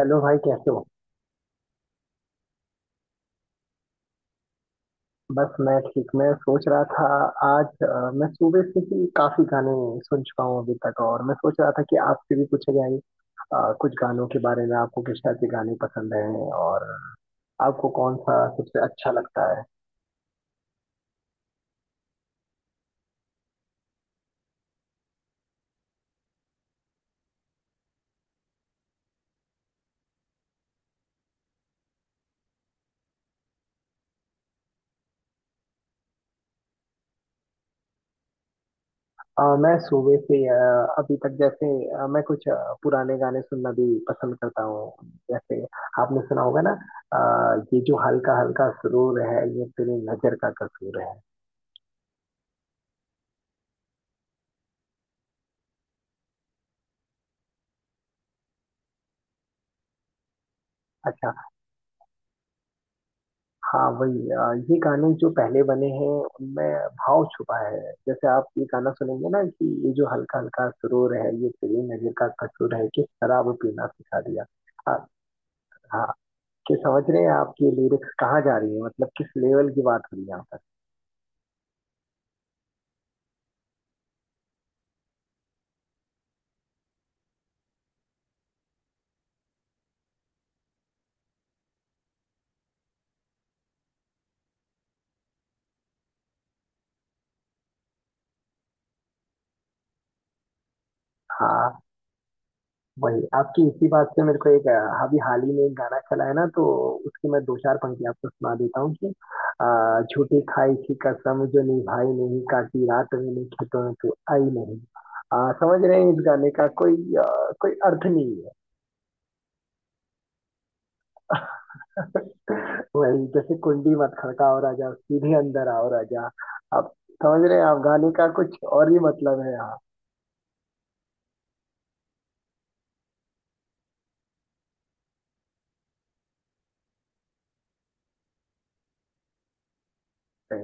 Hello भाई, कैसे हो। बस मैं ठीक। मैं सोच रहा था आज मैं सुबह से ही काफी गाने सुन चुका हूँ अभी तक। और मैं सोच रहा था कि आपसे भी पूछा जाए कुछ गानों के बारे में, आपको किस टाइप के गाने पसंद हैं और आपको कौन सा सबसे अच्छा लगता है। मैं सुबह से अभी तक, जैसे मैं कुछ पुराने गाने सुनना भी पसंद करता हूँ, जैसे आपने सुना होगा ना, ये जो हल्का हल्का सुरूर है ये तेरी नजर का कसूर है। अच्छा। हाँ वही। ये गाने जो पहले बने हैं उनमें भाव छुपा है। जैसे आप ये गाना सुनेंगे ना कि ये जो हल्का हल्का सुरूर है ये तेरी नजर का कसूर है, कि शराब पीना सिखा दिया। आप। हाँ। कि समझ रहे हैं आपकी लिरिक्स कहाँ जा रही है, मतलब किस लेवल की बात हो रही है यहाँ पर। हाँ वही। आपकी इसी बात से मेरे को एक अभी हाल ही में एक गाना चला है ना, तो उसकी मैं दो चार पंक्ति आपको सुना देता हूँ कि झूठी खाई की कसम जो निभाई नहीं, काटी रात मैंने खेतों में तू आई नहीं। समझ रहे हैं इस गाने का कोई अर्थ नहीं है। वही, जैसे कुंडी मत खड़काओ राजा सीधे अंदर आओ राजा। आप। समझ रहे हैं आप, गाने का कुछ और ही मतलब है यहाँ पे।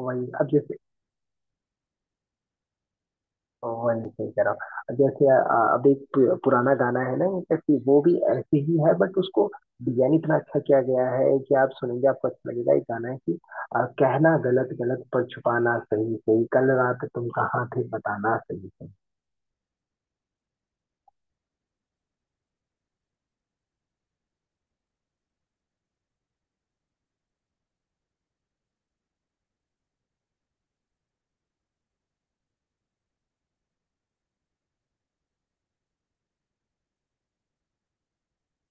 वही अब जैसे। वन सही कह रहा हूँ, जैसे अब एक पुराना गाना है ना इनका, कि वो भी ऐसे ही है बट उसको डिजाइन इतना अच्छा किया गया है कि आप सुनेंगे आपको अच्छा लगेगा। एक गाना है कि कहना गलत गलत, पर छुपाना सही सही, कल रात तुम कहाँ थे बताना सही सही।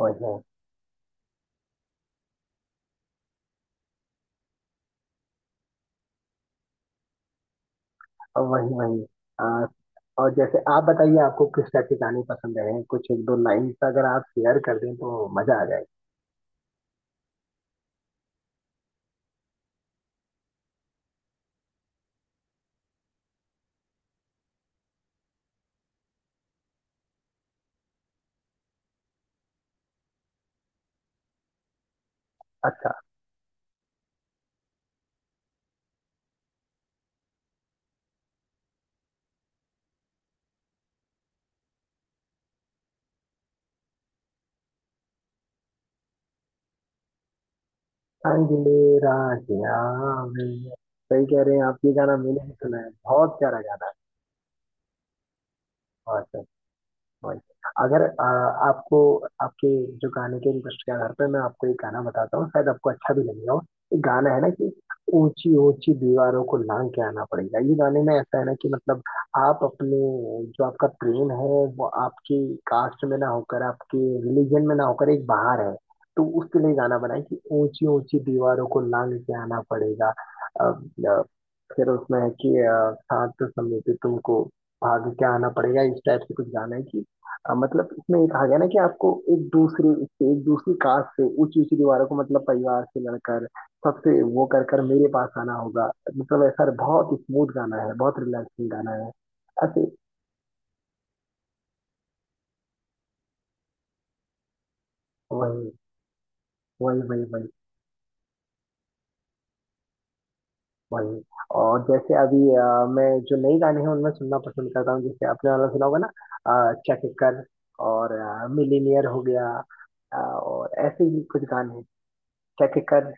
वही है। और वही वही। अ, और जैसे आप बताइए आपको किस टाइप के गाने पसंद है, कुछ एक दो लाइन अगर आप शेयर कर दें तो मजा आ जाएगा। अच्छा। अंधेरा। क्या। मैं। सही कह रहे हैं आप, ये गाना मैंने भी सुना है, बहुत प्यारा गाना है। बहुत। वही। अगर आपको, आपके जो गाने के इंटरेस्ट के आधार पर मैं आपको एक गाना बताता हूँ शायद आपको अच्छा भी लगेगा वो। एक गाना है ना कि ऊंची ऊंची दीवारों को लांग के आना पड़ेगा। ये गाने में ऐसा है ना कि मतलब, आप अपने, जो आपका प्रेम है वो आपकी कास्ट में ना होकर, आपके रिलीजन में ना होकर, एक बाहर है, तो उसके लिए गाना बनाए कि ऊंची ऊंची दीवारों को लांग के आना पड़ेगा। फिर उसमें है कि साथ समेत तुमको भाग के आना पड़ेगा। इस टाइप से कुछ गाना है कि मतलब इसमें एक आ गया ना कि आपको एक दूसरे से, एक दूसरी कास्ट से ऊंची ऊंची दीवारों को, मतलब परिवार से लड़कर सबसे वो कर कर मेरे पास आना होगा। मतलब ऐसा बहुत स्मूथ गाना है, बहुत रिलैक्सिंग गाना है। ऐसे। वही वही वही वही वही। और जैसे अभी मैं जो नई गाने हैं उनमें सुनना पसंद करता हूँ, जैसे आपने वाला सुना होगा ना चक कर, और मिलीनियर हो गया, और ऐसे ही कुछ गाने हैं। चक कर।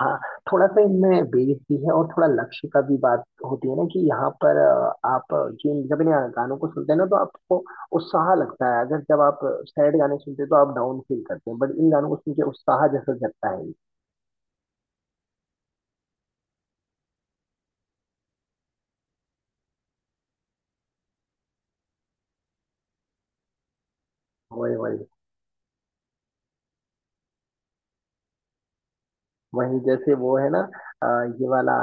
हाँ, थोड़ा सा इनमें बेस भी है और थोड़ा लक्ष्य का भी बात होती है ना कि यहाँ पर आप जिन जब इन गानों को सुनते हैं ना तो आपको उत्साह लगता है, अगर जब आप सैड गाने सुनते हैं तो आप डाउन फील करते हैं, बट इन गानों को सुन के उत्साह जैसा जगता है। वही वही वही। जैसे वो है ना अ, ये वाला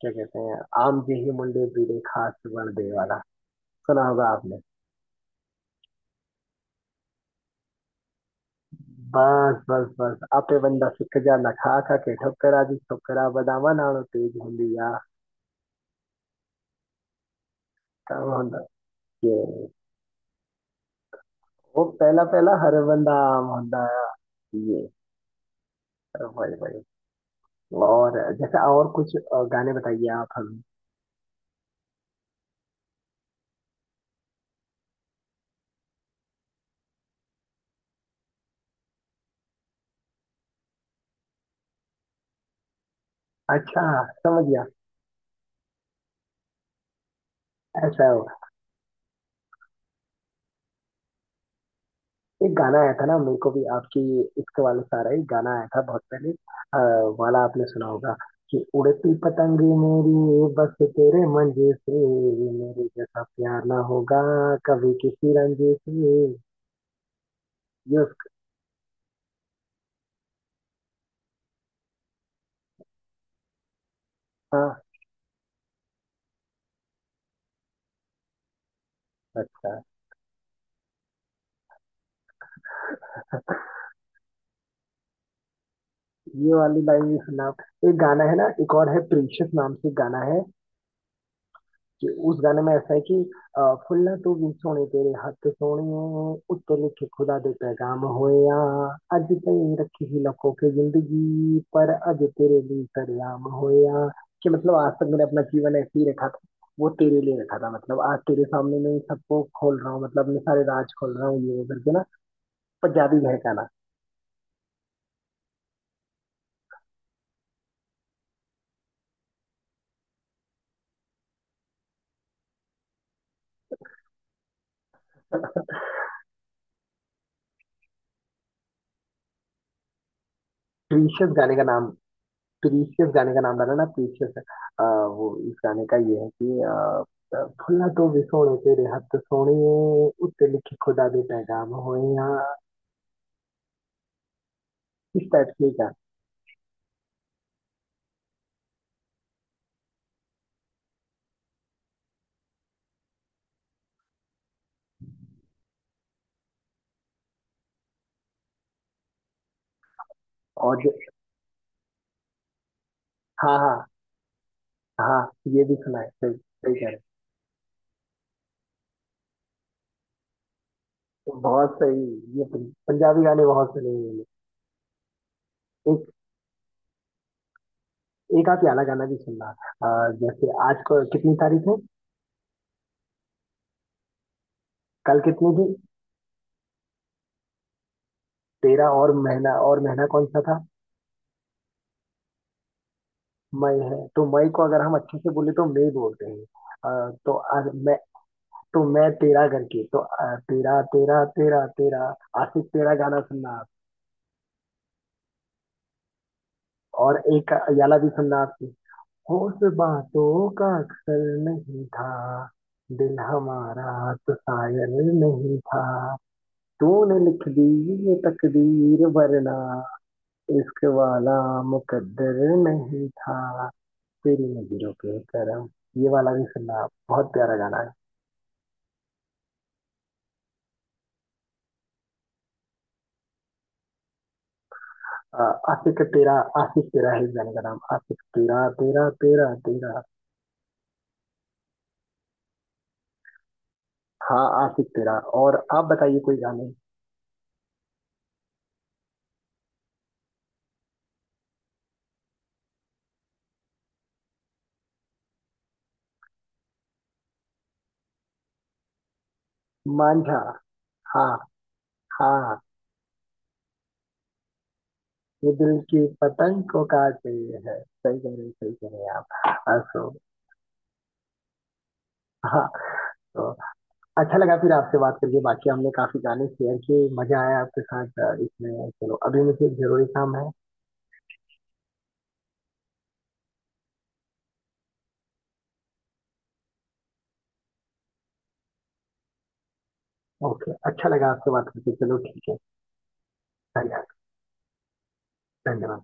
क्या कहते हैं, आम जेही मुंडे बीड़े खास वण दे वाला। सुना होगा आपने। बस बस बस, आपे बंदा सिख जा नखा खा के, ठोकरा जी ठोकरा बदामा नालो तेज हुंदी आ, काम हुंदा ये। वो पहला पहला हर बंदा आम हुंदा। आ, ये वही वही। और जैसे, और कुछ गाने बताइए आप हमें। अच्छा। समझ गया। ऐसा हो। एक गाना आया था ना मेरे को भी आपकी, इश्क वाले सारा ही गाना आया था बहुत पहले, वाला आपने सुना होगा कि उड़ती पतंग मेरी बस तेरे मंजे से, मेरे जैसा प्यार ना होगा कभी किसी रंजे से। ये उसका। अच्छा, ये वाली लाइन भी सुना आप। एक गाना है ना, एक और है, प्रीशियस नाम से गाना है, कि उस गाने में ऐसा है कि अ, फुल्ला तू भी सोने तेरे हत्थ सोहणिए, उत्ते लिखे खुदा दे पैगाम होया, अज ताईं रखी ही लखों की जिंदगी, पर अज तेरे लिए सरेआम होया। कि मतलब आज तक मैंने अपना जीवन ऐसे ही रखा था, वो तेरे लिए रखा था, मतलब आज तेरे सामने मैं इन सबको खोल रहा हूँ, मतलब अपने सारे राज खोल रहा हूँ, ये वो करके ना। पंजाबी है गाना। डिलीशियस गाने का नाम, प्रीशियस गाने का नाम डाला ना, प्रीशियस। वो इस गाने का ये है कि फुल्ला तो भी सोने तेरे हत्थ सोने, उत्ते लिखे खुदा दे पैगाम होए यहाँ, इस टाइप से ही गाना। और जो। हाँ हाँ हाँ, ये भी सुना है, सही सही कह रहे हो। बहुत सही। ये पंजाबी गाने बहुत सुने हैं मैंने। एक एक, आप याला गाना भी सुनना। जैसे आज को कितनी तारीख है, कल कितनी थी 13, और महीना कौन सा था, मई है। तो मई को अगर हम अच्छे से बोले तो मई बोलते हैं। तो आज मैं, तो मैं तेरा करके, तो तेरा तेरा तेरा तेरा आशिक तेरा गाना सुनना आप। और एक याला भी सुनना आपकी। होश बातों का अक्सर नहीं था, दिल हमारा तो शायर नहीं था, तूने लिख दी ये तकदीर, वरना इश्क वाला मुकद्दर नहीं था, तेरी नजरों के करम। ये वाला भी सुनना आप, बहुत प्यारा गाना है। अ, आशिक तेरा। आशिक तेरा है इस गाने का नाम, आशिक तेरा तेरा तेरा तेरा। हाँ, आशिक तेरा। और आप बताइए कोई गाने। मांझा। हाँ हाँ, ये दिल की पतंग को काट रही है, सही कह रहे हैं, सही कह रहे हैं आप। हाँ, सो। हाँ तो, अच्छा लगा फिर आपसे बात करके, बाकी हमने काफी गाने शेयर किए, मजा आया आपके साथ इसमें। चलो अभी मुझे एक जरूरी काम है। ओके, अच्छा लगा आपसे बात करके, चलो ठीक है। धन्यवाद। धन्यवाद।